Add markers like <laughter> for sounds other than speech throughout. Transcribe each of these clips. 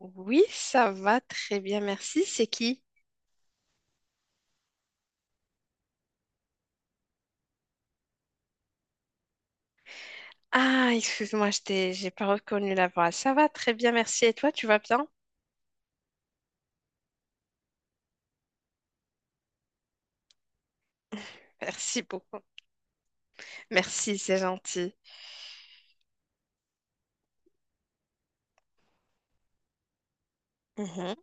Oui, ça va très bien, merci. C'est qui? Ah, excuse-moi, j'ai pas reconnu la voix. Ça va très bien, merci. Et toi, tu vas bien? Merci beaucoup. Merci, c'est gentil. Mhm.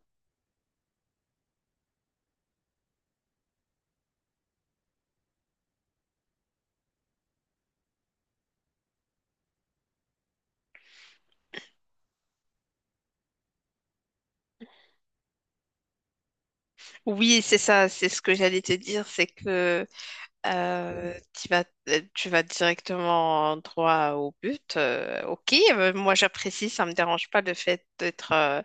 Oui, c'est ça, c'est ce que j'allais te dire, c'est que euh, tu vas, tu vas directement droit au but. Ok, moi j'apprécie, ça me dérange pas le fait d'être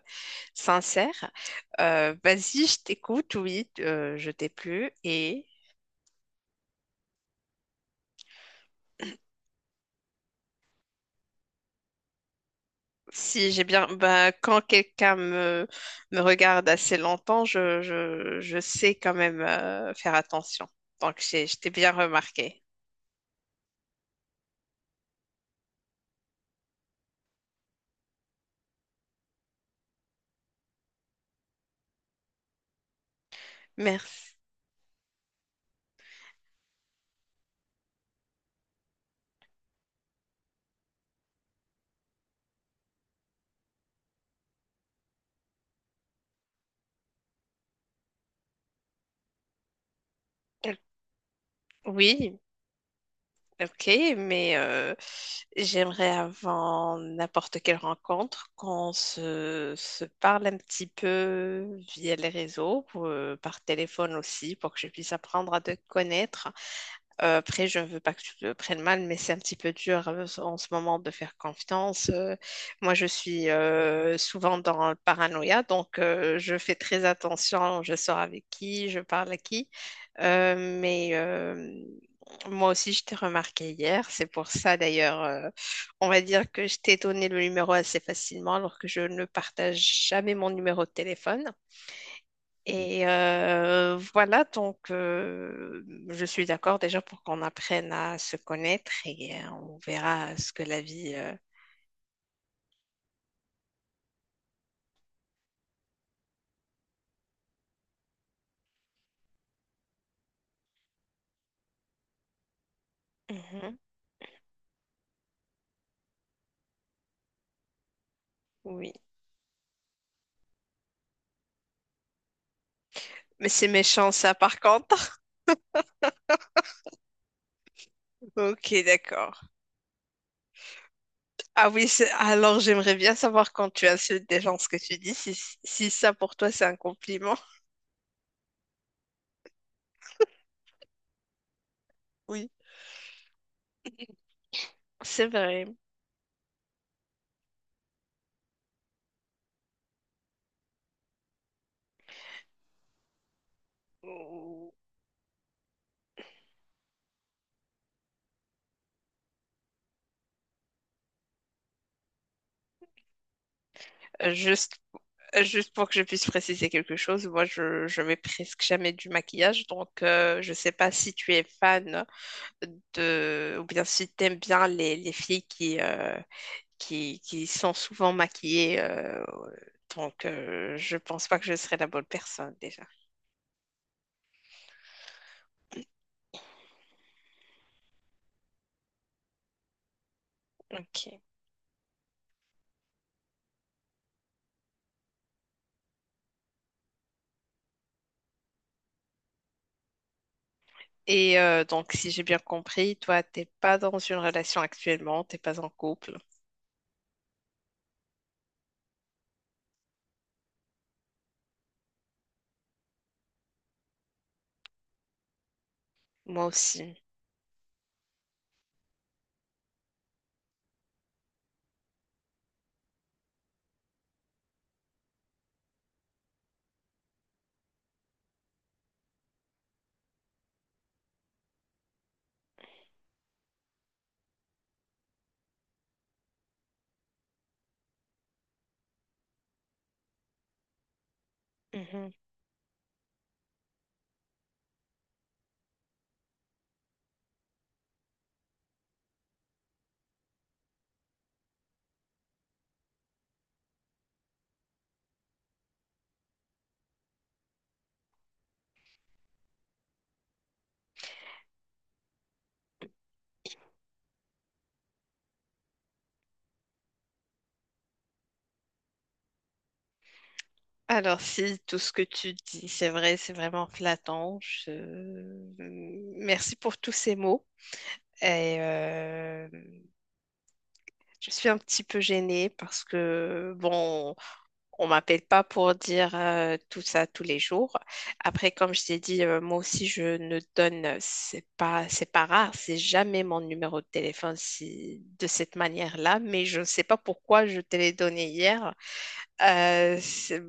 sincère. Vas-y, je t'écoute, oui, je t'ai plu et... Si j'ai bien, bah, quand quelqu'un me regarde assez longtemps, je sais quand même faire attention. Donc, je t'ai bien remarqué. Merci. Oui, ok, mais j'aimerais avant n'importe quelle rencontre qu'on se parle un petit peu via les réseaux, par téléphone aussi, pour que je puisse apprendre à te connaître. Après, je ne veux pas que tu le prennes mal, mais c'est un petit peu dur en ce moment de faire confiance. Moi, je suis souvent dans le paranoïa, donc je fais très attention. Je sors avec qui, je parle à qui. Mais moi aussi, je t'ai remarqué hier. C'est pour ça, d'ailleurs, on va dire que je t'ai donné le numéro assez facilement, alors que je ne partage jamais mon numéro de téléphone. Et voilà, donc je suis d'accord déjà pour qu'on apprenne à se connaître et on verra ce que la vie... Mhm, oui. Mais c'est méchant ça par contre. <laughs> Ok, d'accord. Ah oui, alors j'aimerais bien savoir quand tu insultes des gens ce que tu dis, si ça pour toi c'est un compliment. Oui, c'est vrai. Ouh. Juste, juste pour que je puisse préciser quelque chose, moi je mets presque jamais du maquillage, donc je sais pas si tu es fan de, ou bien si t'aimes bien les filles qui sont souvent maquillées. Donc, je pense pas que je serais la bonne personne déjà. Ok. Et donc, si j'ai bien compris, toi, t'es pas dans une relation actuellement, t'es pas en couple. Moi aussi. Mhm. Alors, si tout ce que tu dis, c'est vrai, c'est vraiment flattant. Je... Merci pour tous ces mots. Et je suis un petit peu gênée parce que, bon, on m'appelle pas pour dire tout ça tous les jours. Après, comme je t'ai dit, moi aussi, je ne donne, c'est pas rare, c'est jamais mon numéro de téléphone si, de cette manière-là, mais je ne sais pas pourquoi je te l'ai donné hier. Euh, c'est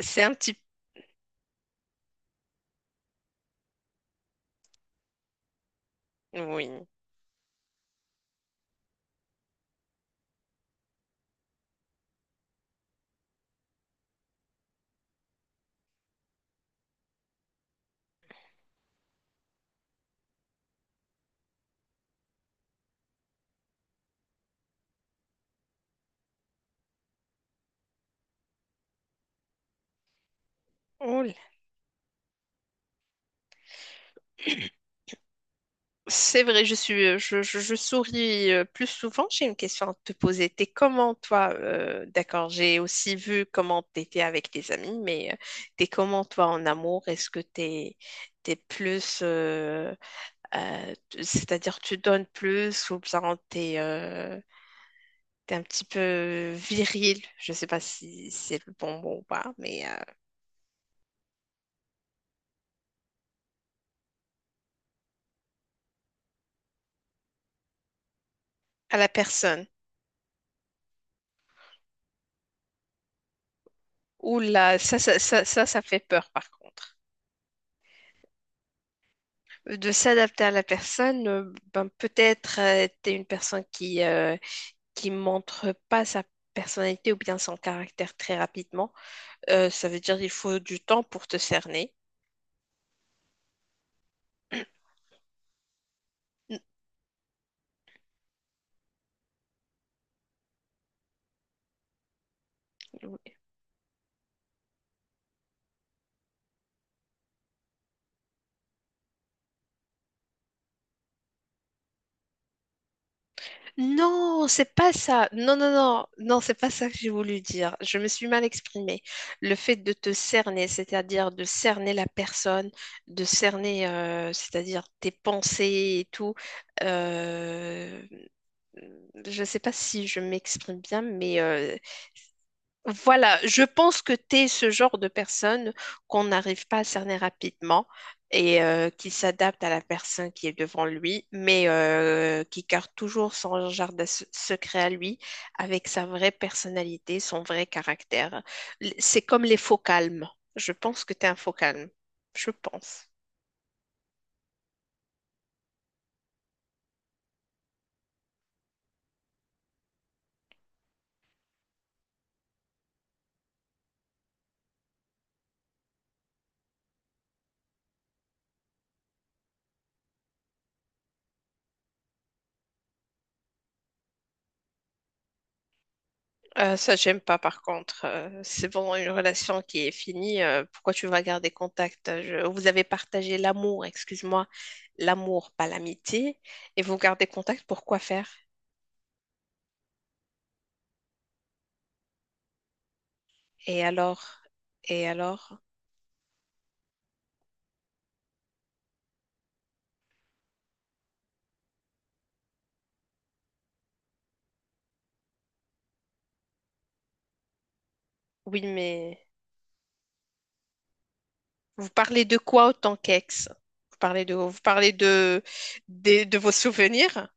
c'est un petit... Oui. Oula. C'est vrai, je suis, je souris plus souvent. J'ai une question à te poser. T'es comment, toi? D'accord, j'ai aussi vu comment t'étais avec tes amis, mais t'es comment, toi, en amour? Est-ce que t'es plus, c'est-à-dire tu donnes plus ou bien t'es un petit peu viril? Je sais pas si c'est le bon mot ou pas, mais à la personne. Ouh là, ça fait peur, par contre. De s'adapter à la personne. Ben, peut-être t'es une personne qui montre pas sa personnalité ou bien son caractère très rapidement. Ça veut dire qu'il faut du temps pour te cerner. <clears throat> Non, c'est pas ça. Non, non, non, non, c'est pas ça que j'ai voulu dire. Je me suis mal exprimée. Le fait de te cerner, c'est-à-dire de cerner la personne, de cerner, c'est-à-dire tes pensées et tout. euh, je ne sais pas si je m'exprime bien, mais voilà, je pense que tu es ce genre de personne qu'on n'arrive pas à cerner rapidement et qui s'adapte à la personne qui est devant lui, mais qui garde toujours son jardin secret à lui avec sa vraie personnalité, son vrai caractère. C'est comme les faux calmes. Je pense que tu es un faux calme. Je pense. Ça, j'aime pas par contre. C'est vraiment une relation qui est finie. Pourquoi tu vas garder contact? Vous avez partagé l'amour, excuse-moi, l'amour, pas l'amitié, et vous gardez contact, pourquoi faire? Et alors? Et alors? Oui, mais vous parlez de quoi autant qu'ex? Vous parlez de, de, vos souvenirs?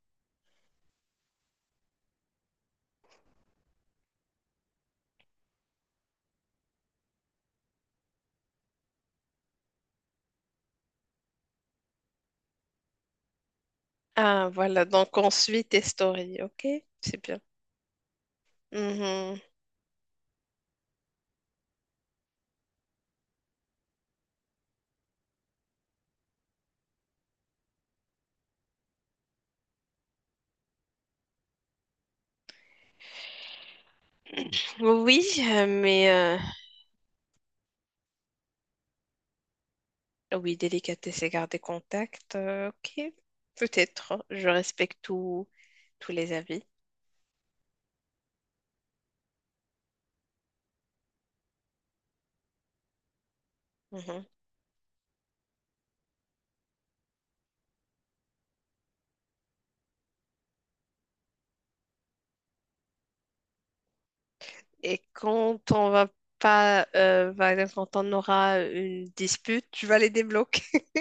Ah, voilà, donc on suit tes stories, ok? C'est bien. Mhm. Oui, mais oui, délicatesse et garder contact. Ok, peut-être. Hein, je respecte tous les avis. Mhm. Et quand on va pas, par exemple, quand on aura une dispute, tu vas les débloquer. <laughs>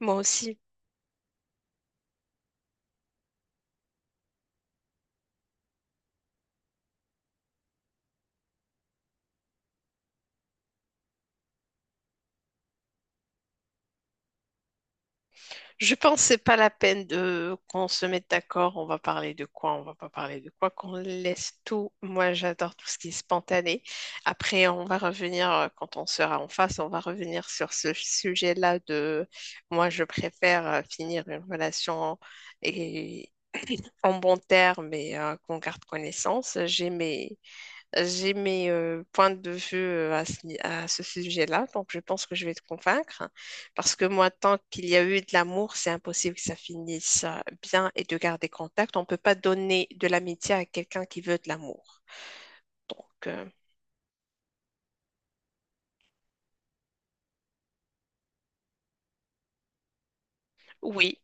Moi aussi. Je pense que c'est pas la peine de qu'on se mette d'accord, on va parler de quoi, on va pas parler de quoi, qu'on laisse tout. Moi, j'adore tout ce qui est spontané. Après, on va revenir, quand on sera en face, on va revenir sur ce sujet-là de moi, je préfère finir une relation et en bon terme et qu'on garde connaissance. J'ai mes points de vue à ce, ni- à ce sujet-là, donc je pense que je vais te convaincre. Parce que moi, tant qu'il y a eu de l'amour, c'est impossible que ça finisse bien et de garder contact. On ne peut pas donner de l'amitié à quelqu'un qui veut de l'amour. Donc, oui,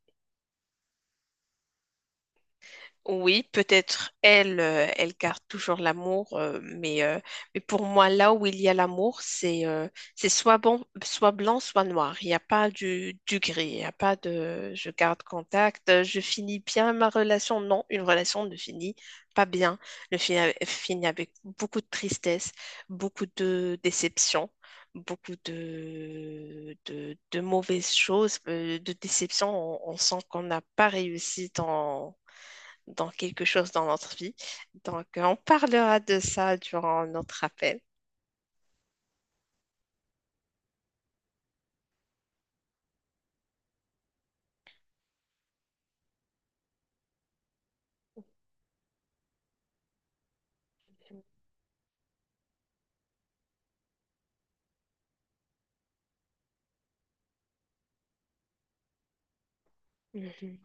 oui, peut-être elle garde toujours l'amour, mais pour moi, là où il y a l'amour, c'est soit bon, soit blanc, soit noir. Il n'y a pas du gris, il n'y a pas de je garde contact, je finis bien ma relation. Non, une relation ne finit pas bien, ne finit, avec finit avec beaucoup de tristesse, beaucoup de déception, beaucoup de mauvaises choses, de déception. On sent qu'on n'a pas réussi dans quelque chose dans notre vie. Donc, on parlera de ça durant notre appel. Mhm.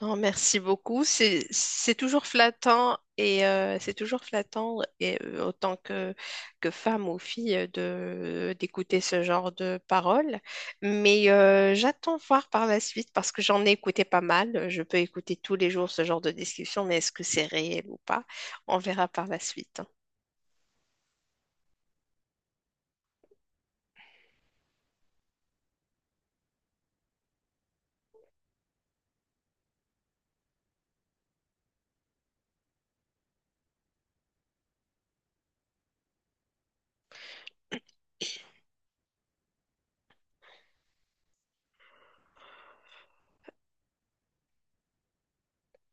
Non, merci beaucoup. C'est toujours flattant et autant que femme ou fille de d'écouter ce genre de paroles. Mais j'attends voir par la suite parce que j'en ai écouté pas mal. Je peux écouter tous les jours ce genre de discussion, mais est-ce que c'est réel ou pas? On verra par la suite.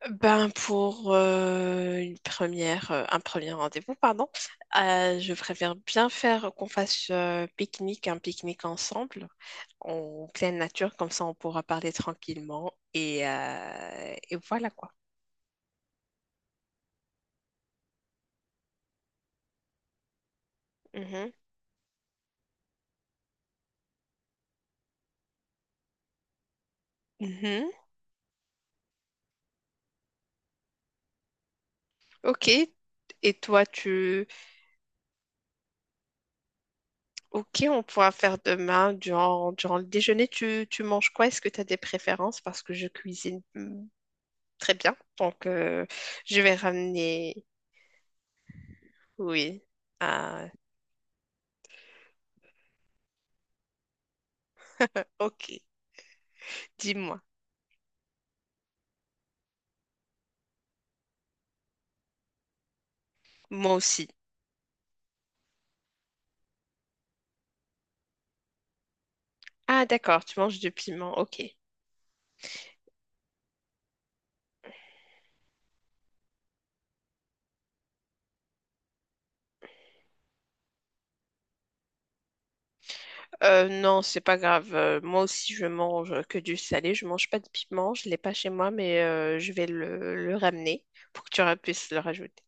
Ben pour un premier rendez-vous, pardon, je préfère bien faire qu'on fasse un pique-nique ensemble, en pleine nature, comme ça on pourra parler tranquillement et voilà quoi. Mhm. Mhm. Ok. Et toi, tu... Ok, on pourra faire demain, durant le déjeuner, tu manges quoi? Est-ce que tu as des préférences? Parce que je cuisine très bien, donc je vais ramener... Oui. Ok, dis-moi. Moi aussi. Ah, d'accord, tu manges du piment, ok. Non, c'est pas grave. Moi aussi, je mange que du salé. Je mange pas de piment. Je l'ai pas chez moi, mais je vais le ramener pour que tu puisses le rajouter.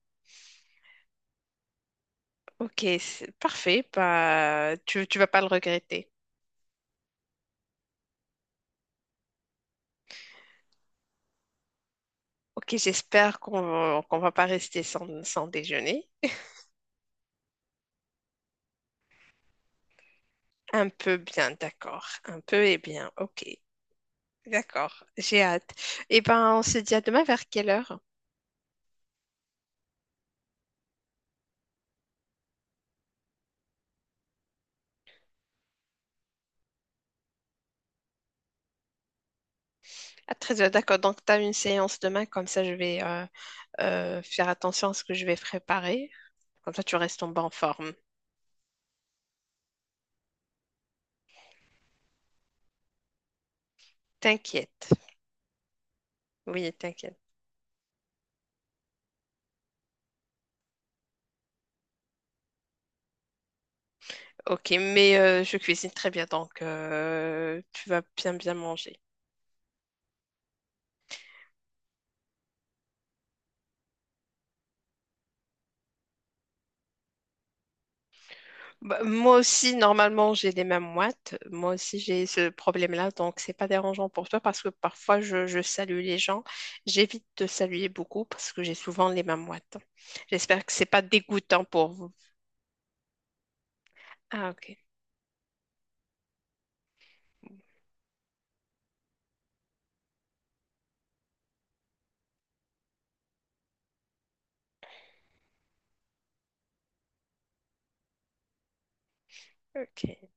Ok, c'est parfait. Bah, tu vas pas le regretter. Ok, j'espère qu'on va pas rester sans déjeuner. Un peu bien, d'accord. Un peu et bien, ok. D'accord, j'ai hâte. Eh ben, on se dit à demain vers quelle heure? Ah, très bien, d'accord. Donc, tu as une séance demain, comme ça, je vais faire attention à ce que je vais préparer. Comme ça, tu restes en bonne forme. T'inquiète. Oui, t'inquiète. Ok, mais je cuisine très bien, donc tu vas bien, bien manger. Bah, moi aussi, normalement, j'ai les mêmes moites. Moi aussi, j'ai ce problème-là, donc c'est pas dérangeant pour toi parce que parfois, je salue les gens. J'évite de saluer beaucoup parce que j'ai souvent les mêmes moites. J'espère que c'est pas dégoûtant pour vous. Ah, ok. Ok.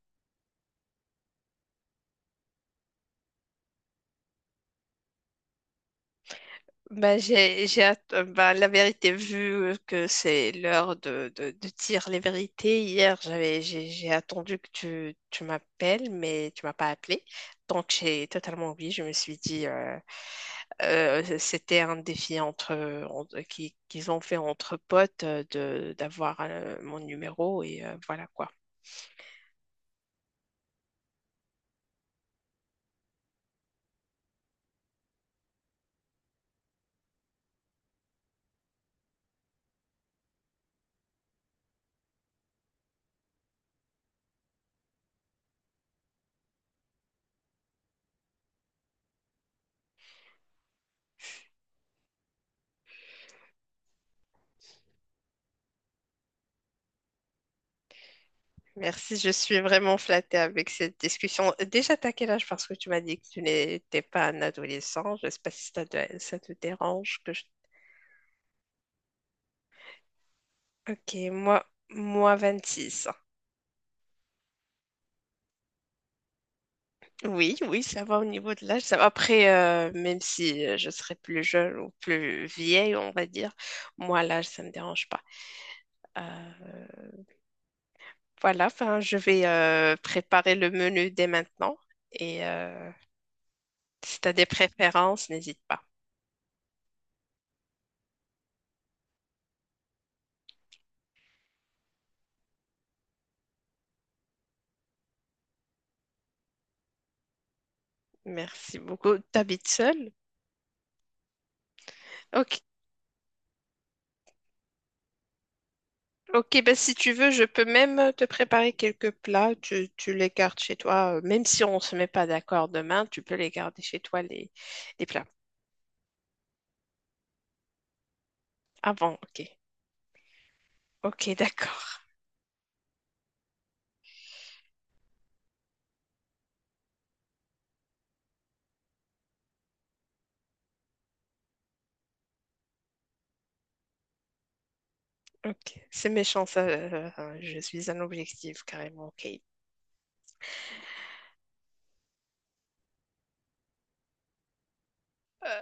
Bah, bah, la vérité, vu que c'est l'heure de dire les vérités, hier, j'ai attendu que tu m'appelles, mais tu m'as pas appelé. Donc, j'ai totalement oublié. Je me suis dit, c'était un défi qu'ils ont fait entre potes d'avoir mon numéro et voilà quoi. Merci, je suis vraiment flattée avec cette discussion. Déjà, t'as quel âge? Parce que tu m'as dit que tu n'étais pas un adolescent. Je sais pas si ça te dérange que je... Ok, moi 26. Oui, oui, ça va au niveau de l'âge. Ça va. Après, même si je serais plus jeune ou plus vieille, on va dire, moi, l'âge, ça ne me dérange pas. Euh, voilà, enfin, je vais préparer le menu dès maintenant. Et si tu as des préférences, n'hésite pas. Merci beaucoup. T'habites seule? Ok, ok, ben, si tu veux, je peux même te préparer quelques plats. Tu les gardes chez toi. Même si on ne se met pas d'accord demain, tu peux les garder chez toi, les plats. Ah bon, ok. Ok, d'accord. Ok, c'est méchant ça. Je suis un objectif carrément. Ok. Euh,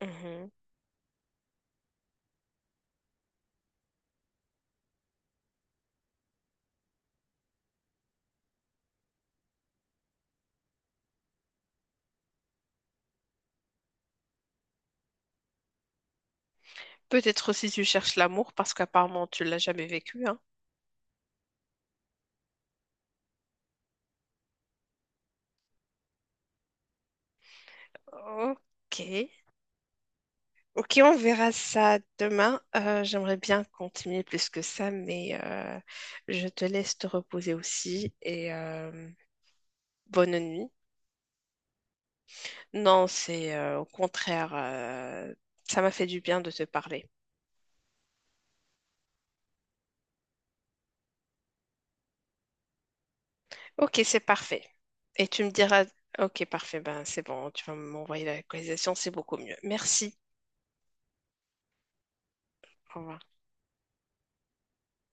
mhm. Peut-être aussi tu cherches l'amour parce qu'apparemment tu l'as jamais vécu, hein. Ok. Ok, on verra ça demain. J'aimerais bien continuer plus que ça, mais je te laisse te reposer aussi et bonne nuit. Non, c'est au contraire, ça m'a fait du bien de te parler. Ok, c'est parfait. Et tu me diras, ok, parfait, ben c'est bon, tu vas m'envoyer la localisation, c'est beaucoup mieux. Merci. Au revoir.